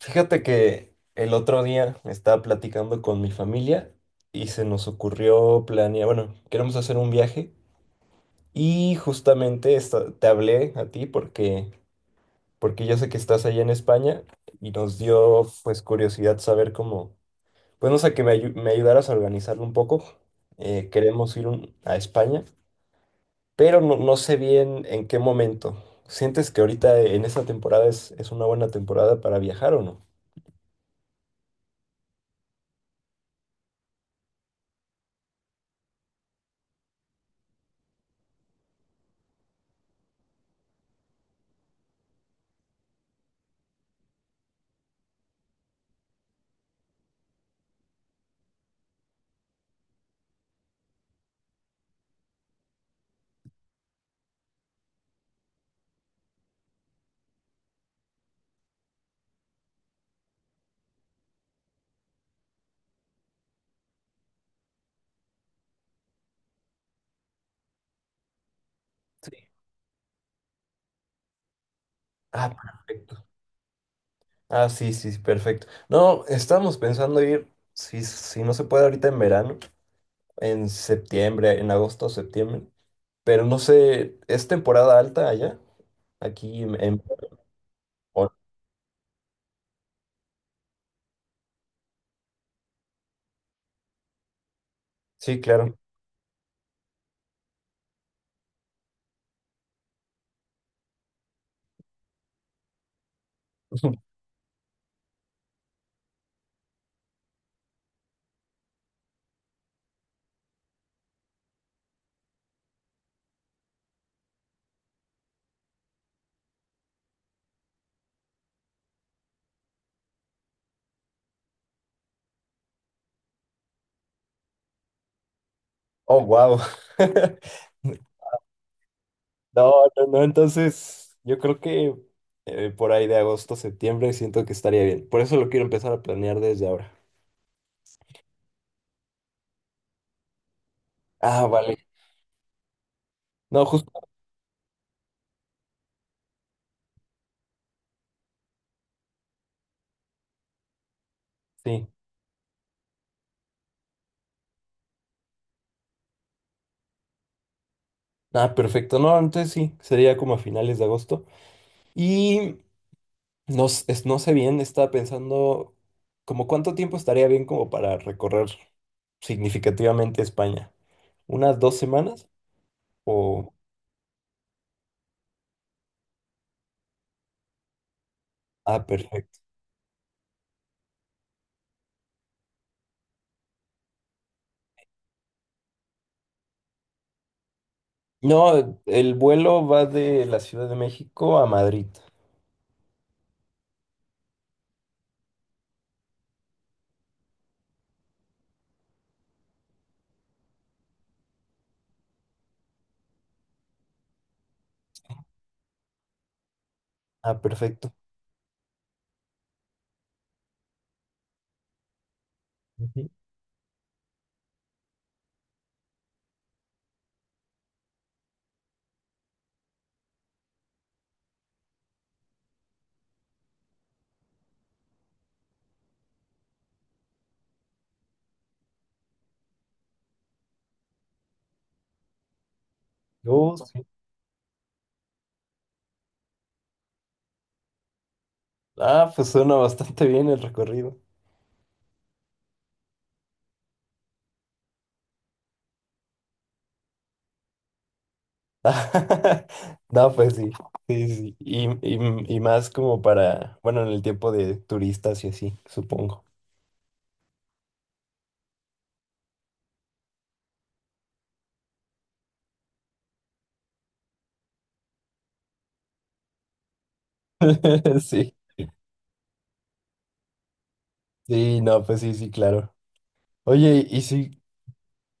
Fíjate que el otro día estaba platicando con mi familia y se nos ocurrió planear, bueno, queremos hacer un viaje y justamente te hablé a ti porque yo sé que estás allá en España y nos dio pues curiosidad saber cómo, pues no sé, que me ayudaras a organizarlo un poco. Queremos ir a España, pero no, no sé bien en qué momento. ¿Sientes que ahorita en esta temporada es una buena temporada para viajar o no? Sí. Ah, perfecto. Ah, sí, sí, sí, perfecto. No, estamos pensando ir, si, si no se puede ahorita en verano, en septiembre, en agosto o septiembre, pero no sé, ¿es temporada alta allá? Aquí en- o- Sí, claro. Oh, wow. No, no, no, entonces yo creo que por ahí de agosto, septiembre siento que estaría bien. Por eso lo quiero empezar a planear desde ahora. Ah, vale. No, justo, sí. Ah, perfecto. No, entonces sí, sería como a finales de agosto. Y no, no sé bien, estaba pensando como cuánto tiempo estaría bien como para recorrer significativamente España. ¿Unas dos semanas? O... Ah, perfecto. No, el vuelo va de la Ciudad de México a Madrid. Ah, perfecto. Ujú. Oh, sí. Ah, pues suena bastante bien el recorrido. No, pues sí, sí, sí. Y más como para, bueno, en el tiempo de turistas y así, supongo. Sí, sí, no, pues sí, sí, claro. Oye, y sí,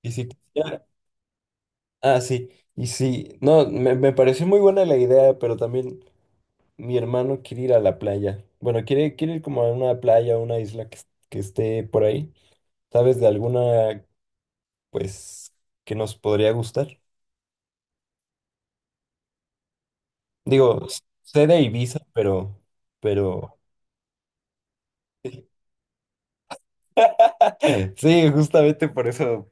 y sí. Ah, sí, y sí. No, me pareció muy buena la idea, pero también mi hermano quiere ir a la playa. Bueno, quiere ir como a una playa, una isla que, que esté por ahí. ¿Sabes de alguna, pues, que nos podría gustar? Digo, sé de Ibiza, pero. Sí, justamente por eso,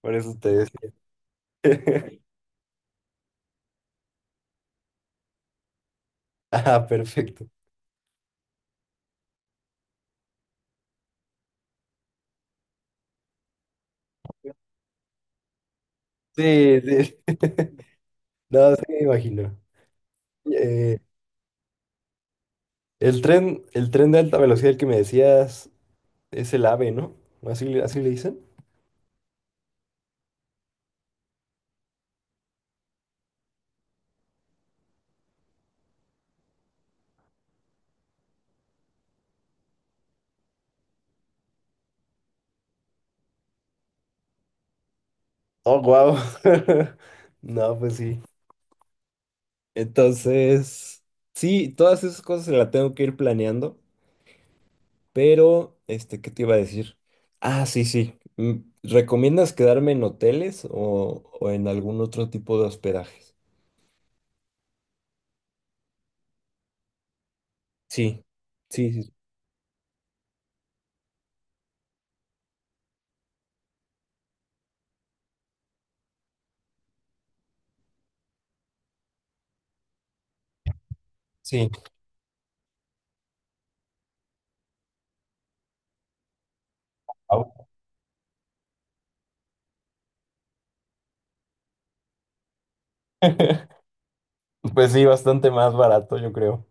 por eso te decía. Ah, perfecto. Sí, sí. No, sí me imagino. Eh, el tren de alta velocidad el que me decías es el AVE, ¿no? ¿Así, así le dicen? Oh, wow. No, pues sí. Entonces, sí, todas esas cosas se las tengo que ir planeando, pero, este, ¿qué te iba a decir? Ah, sí, sí. ¿Recomiendas quedarme en hoteles o en algún otro tipo de hospedajes? Sí, sí, sí. Sí. Ah, pues sí, bastante más barato, yo creo.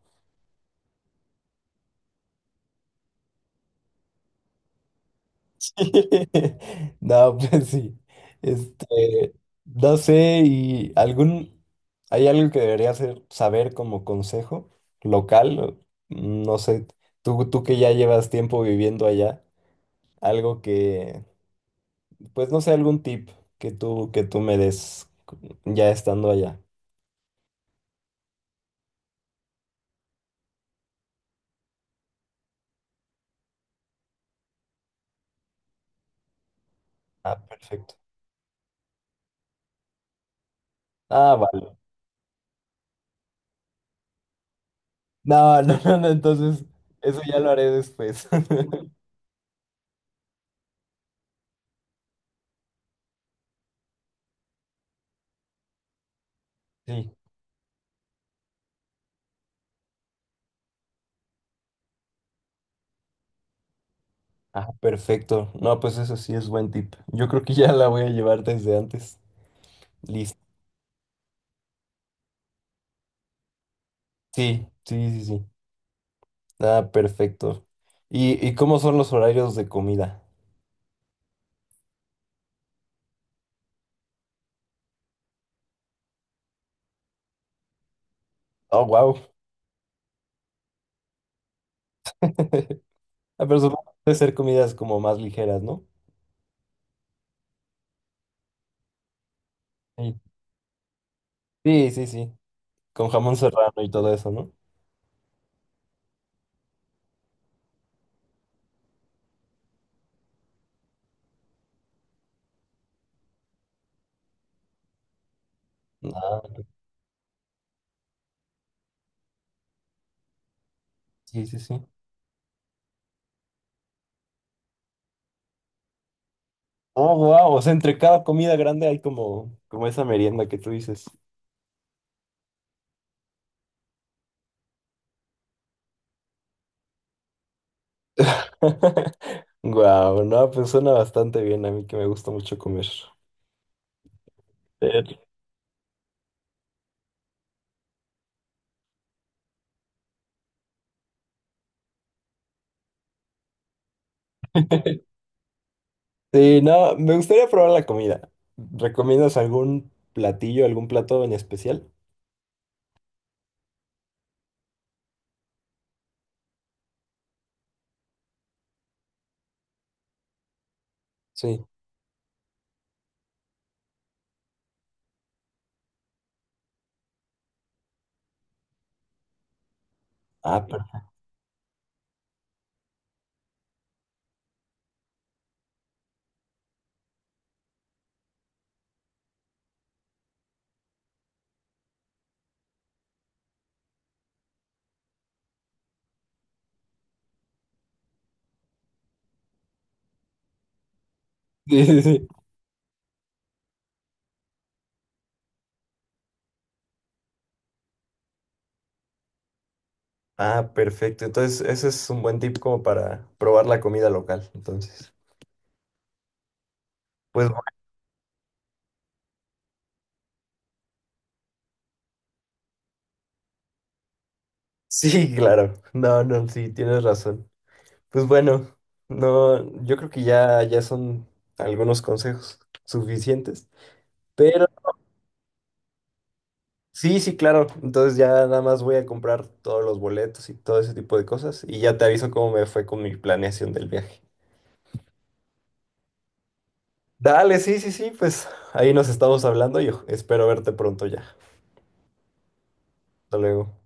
No, pues sí. Este, no sé, y algún, hay algo que debería hacer, saber como consejo local, no sé, tú que ya llevas tiempo viviendo allá, algo que, pues no sé, algún tip que tú me des ya estando allá. Ah, perfecto. Ah, vale. No, no, no, no, entonces, eso ya lo haré después. Sí. Ah, perfecto. No, pues eso sí es buen tip. Yo creo que ya la voy a llevar desde antes. Listo. Sí, sí, sí, sí. Ah, perfecto. ¿Y cómo son los horarios de comida? Oh, wow. Ah, pero supongo que debe ser comidas como más ligeras, ¿no? Sí. Sí, sí, sí. Con jamón serrano y todo eso, ¿no? Ah, sí, sí, sí. Oh, wow. O sea, entre cada comida grande hay como esa merienda que tú dices. Wow, no, pues suena bastante bien a mí que me gusta mucho comer. Sí, no, me gustaría probar la comida. ¿Recomiendas algún platillo, algún plato en especial? Sí. Ah, sí, sí, sí. Ah, perfecto. Entonces, ese es un buen tip como para probar la comida local. Entonces, pues bueno, sí, claro. No, no, sí, tienes razón. Pues bueno, no, yo creo que ya, ya son algunos consejos suficientes. Pero sí, sí, claro. Entonces ya nada más voy a comprar todos los boletos y todo ese tipo de cosas. Y ya te aviso cómo me fue con mi planeación del viaje. Dale, sí, sí, sí, pues ahí nos estamos hablando y espero verte pronto ya. Hasta luego.